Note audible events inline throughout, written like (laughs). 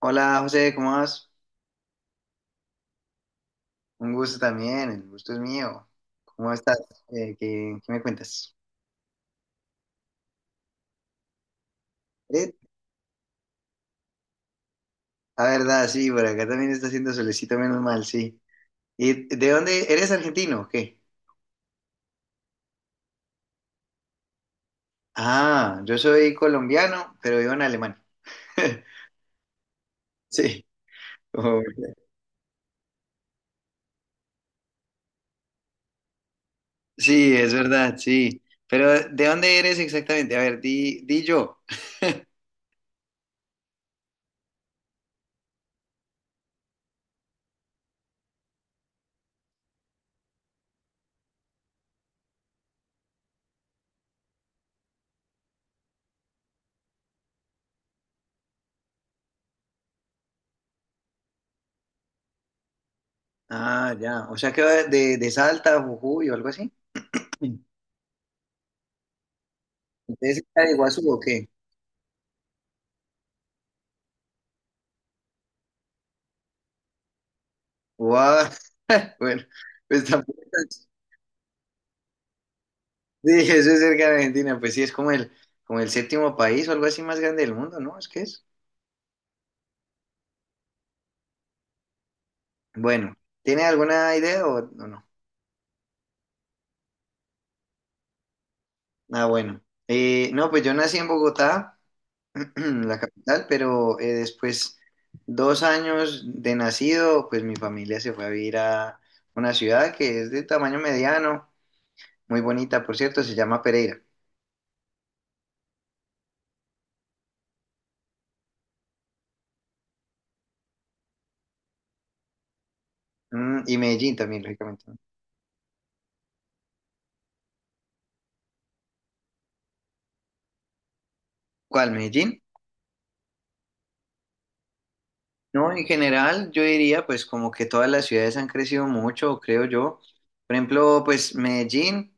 Hola José, ¿cómo vas? Un gusto también, el gusto es mío. ¿Cómo estás? ¿Qué me cuentas? Eh, la verdad, sí, por acá también está haciendo solecito, menos mal, sí. ¿Y de dónde eres argentino o qué? Ah, yo soy colombiano, pero vivo en Alemania. (laughs) Sí, como- sí, es verdad, sí. Pero ¿de dónde eres exactamente? A ver, di yo. Ah, ya, o sea que va de Salta, Jujuy o algo así. ¿Ustedes están de Iguazú o qué? Guau. (laughs) Bueno, pues tampoco es tan- Sí, eso es cerca de Argentina, pues sí, es como el séptimo país o algo así más grande del mundo, ¿no? Es que es. Bueno, ¿tiene alguna idea o no? Ah, bueno. No, pues yo nací en Bogotá, (clears throat) la capital, pero después 2 años de nacido, pues mi familia se fue a vivir a una ciudad que es de tamaño mediano, muy bonita, por cierto, se llama Pereira. Y Medellín también, lógicamente, ¿no? ¿Cuál? ¿Medellín? No, en general yo diría pues como que todas las ciudades han crecido mucho, creo yo. Por ejemplo, pues Medellín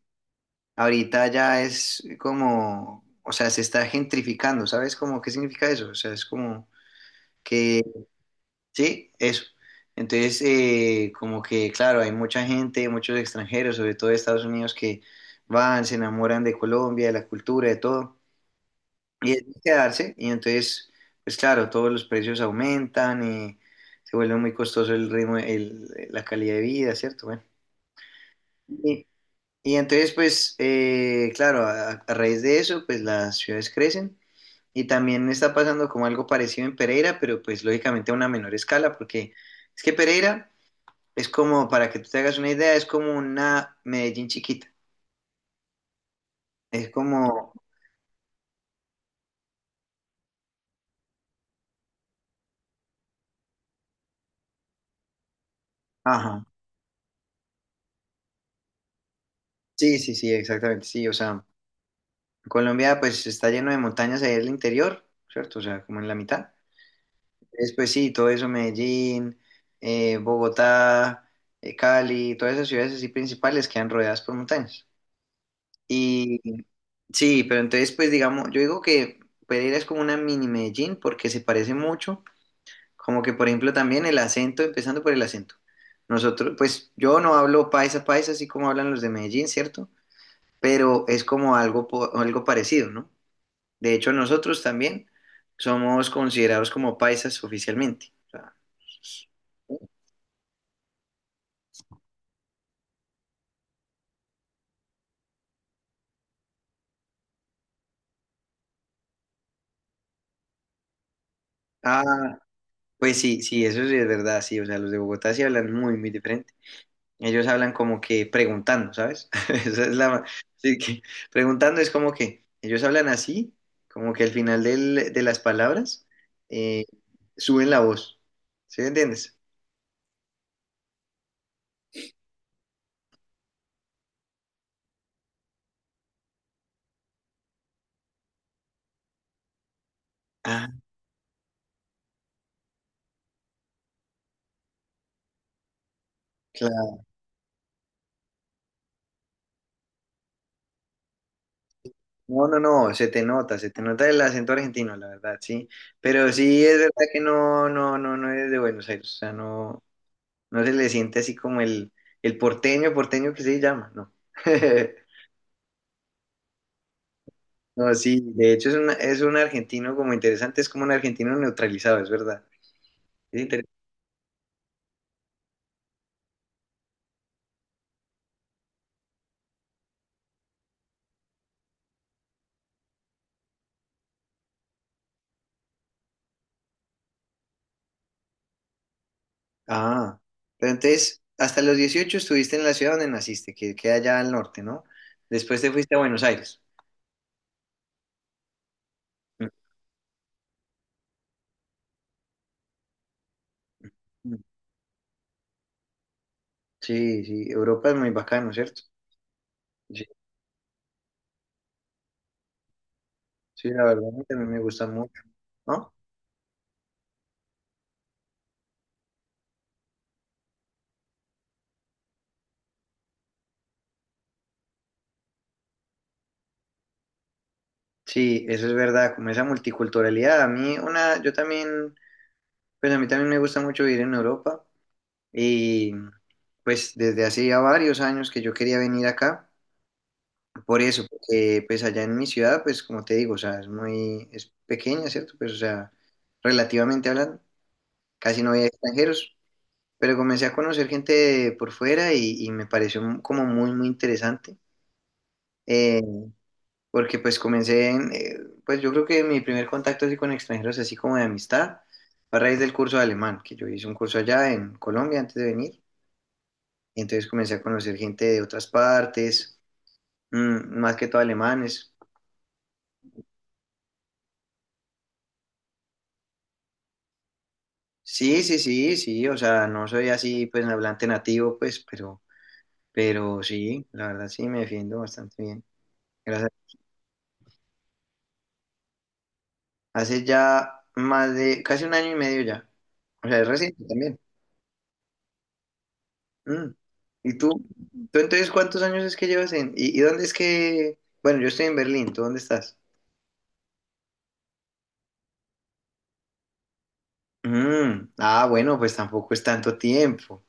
ahorita ya es como, o sea, se está gentrificando, ¿sabes? Como, ¿qué significa eso? O sea, es como que, sí, eso. Entonces, como que, claro, hay mucha gente, muchos extranjeros, sobre todo de Estados Unidos, que van, se enamoran de Colombia, de la cultura, de todo y es de quedarse, y entonces, pues claro, todos los precios aumentan, se vuelve muy costoso el ritmo, la calidad de vida, ¿cierto? Bueno, y, y entonces, pues, claro, a raíz de eso, pues las ciudades crecen, y también está pasando como algo parecido en Pereira, pero pues lógicamente a una menor escala, porque es que Pereira es como, para que tú te hagas una idea, es como una Medellín chiquita, es como, ajá, sí, sí, sí, exactamente, sí, o sea. Colombia pues está lleno de montañas ahí en el interior, ¿cierto? O sea, como en la mitad. Entonces, pues sí, todo eso, Medellín, Bogotá, Cali, todas esas ciudades así principales quedan rodeadas por montañas. Y sí, pero entonces pues digamos, yo digo que Pereira es como una mini Medellín porque se parece mucho, como que por ejemplo también el acento, empezando por el acento. Nosotros, pues yo no hablo paisa paisa así como hablan los de Medellín, ¿cierto? Pero es como algo, algo parecido, ¿no? De hecho, nosotros también somos considerados como paisas oficialmente. O sea, ah, pues sí, sí, eso sí es verdad, sí. O sea, los de Bogotá sí hablan muy, muy diferente. Ellos hablan como que preguntando, ¿sabes? (laughs) Esa es la. Sí, que preguntando es como que ellos hablan así, como que al final de las palabras eh, suben la voz. ¿Sí me entiendes? Ah, no, no, no, se te nota el acento argentino, la verdad, sí. Pero sí es verdad que no, no, no, no es de Buenos Aires, o sea, no, no se le siente así como el porteño, porteño que se llama, no. (laughs) No, sí, de hecho es un, argentino como interesante, es como un argentino neutralizado, es verdad. Es interesante. Ah, pero entonces, hasta los 18 estuviste en la ciudad donde naciste, que queda allá al norte, ¿no? Después te fuiste a Buenos Aires. Mm. mm, Sí, sí, Europa es muy bacano, ¿cierto? Sí, la verdad, a mí también me gusta mucho, ¿no? Sí, eso es verdad, como esa multiculturalidad. A mí una, yo también, pues a mí también me gusta mucho vivir en Europa y pues desde hace ya varios años que yo quería venir acá, por eso, porque pues allá en mi ciudad, pues como te digo, o sea, es muy, es pequeña, ¿cierto? Pues o sea, relativamente hablando, casi no había extranjeros, pero comencé a conocer gente por fuera y me pareció como muy, muy interesante. Eh, porque pues comencé en, pues yo creo que mi primer contacto así con extranjeros, así como de amistad, fue a raíz del curso de alemán, que yo hice un curso allá en Colombia antes de venir, y entonces comencé a conocer gente de otras partes, más que todo alemanes. Sí, sí, sí, sí, o sea, no soy así pues hablante nativo, pues, pero sí, la verdad sí me defiendo bastante bien. Gracias. Hace ya más de, casi 1 año y medio ya, o sea, es reciente también. Mm. ¿Y tú? ¿Tú entonces cuántos años es que llevas en? ¿Y dónde es que? Bueno, yo estoy en Berlín, ¿tú dónde estás? Mm. Ah, bueno, pues tampoco es tanto tiempo.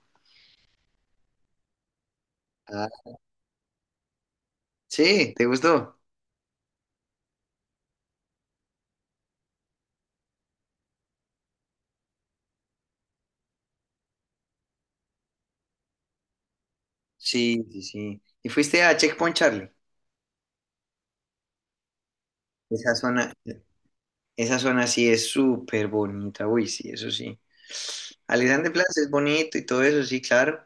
Ah, sí, ¿te gustó? Sí, sí, sí. ¿Y fuiste a Checkpoint Charlie? Esa zona, esa zona sí es súper bonita, uy, sí, eso sí. Alexander Plaza es bonito y todo eso, sí, claro.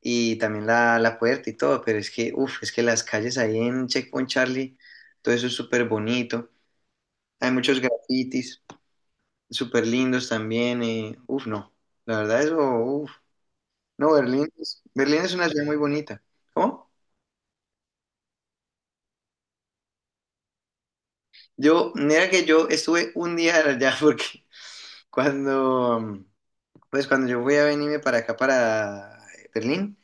Y también la puerta y todo, pero es que, uff, es que las calles ahí en Checkpoint Charlie, todo eso es súper bonito. Hay muchos grafitis súper lindos también. Uf, no. La verdad, eso, uf. No, Berlín es una ciudad muy bonita. ¿Cómo? Yo, mira que yo estuve un día allá (laughs) porque cuando, mm, pues cuando yo fui a venirme para acá, para Berlín,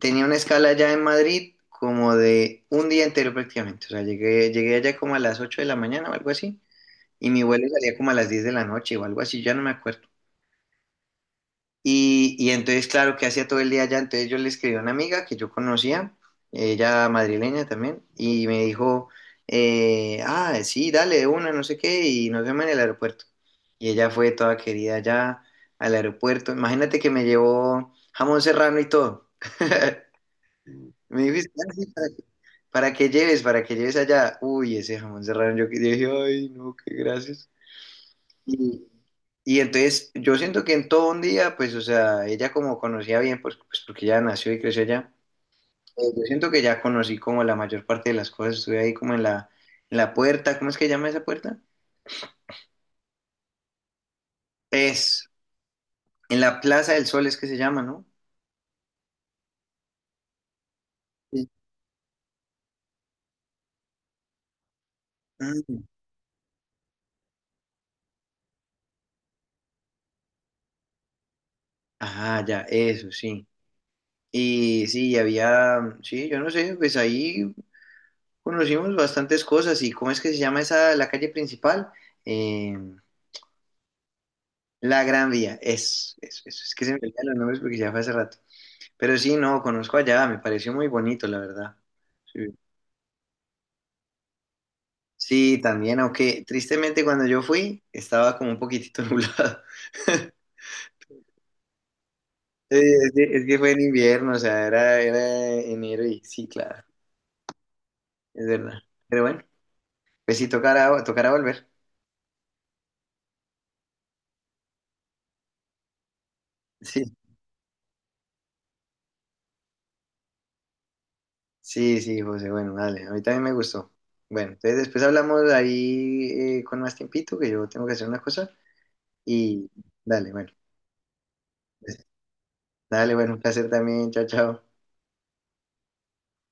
tenía una escala allá en Madrid como de un día entero prácticamente. O sea, llegué allá como a las 8 de la mañana o algo así. Y mi vuelo salía como a las 10 de la noche o algo así, ya no me acuerdo. Y entonces, claro, que hacía todo el día allá? Entonces yo le escribí a una amiga que yo conocía, ella madrileña también, y me dijo, ah, sí, dale, de una, no sé qué, y nos vemos en el aeropuerto. Y ella fue toda querida allá al aeropuerto. Imagínate que me llevó jamón serrano y todo. (laughs) Me dijiste, "Ah, sí, para que lleves allá. Uy, ese jamón serrano, yo, yo dije, ay, no, qué gracias. Y, y entonces yo siento que en todo un día, pues, o sea, ella como conocía bien, pues porque ya nació y creció allá, yo siento que ya conocí como la mayor parte de las cosas, estuve ahí como en la puerta, ¿cómo es que llama esa puerta? Es, en la Plaza del Sol es que se llama, ¿no? Sí. Mm. Ajá, ya, eso, sí. Y sí, había, sí, yo no sé, pues ahí conocimos bastantes cosas y ¿cómo es que se llama esa, la calle principal? Eh, La Gran Vía, es que se me olvidan los nombres porque ya fue hace rato. Pero sí, no, conozco allá, me pareció muy bonito, la verdad. Sí, sí, también, aunque tristemente cuando yo fui estaba como un poquitito (laughs) nublado. Sí, es que fue en invierno, o sea, era enero y sí, claro, es verdad. Pero bueno, pues sí, tocará volver. Sí, sí, sí, José, bueno, dale, a mí también me gustó. Bueno, entonces después hablamos ahí con más tiempito, que yo tengo que hacer una cosa y dale, bueno. Dale, bueno, un placer también. Chao, chao.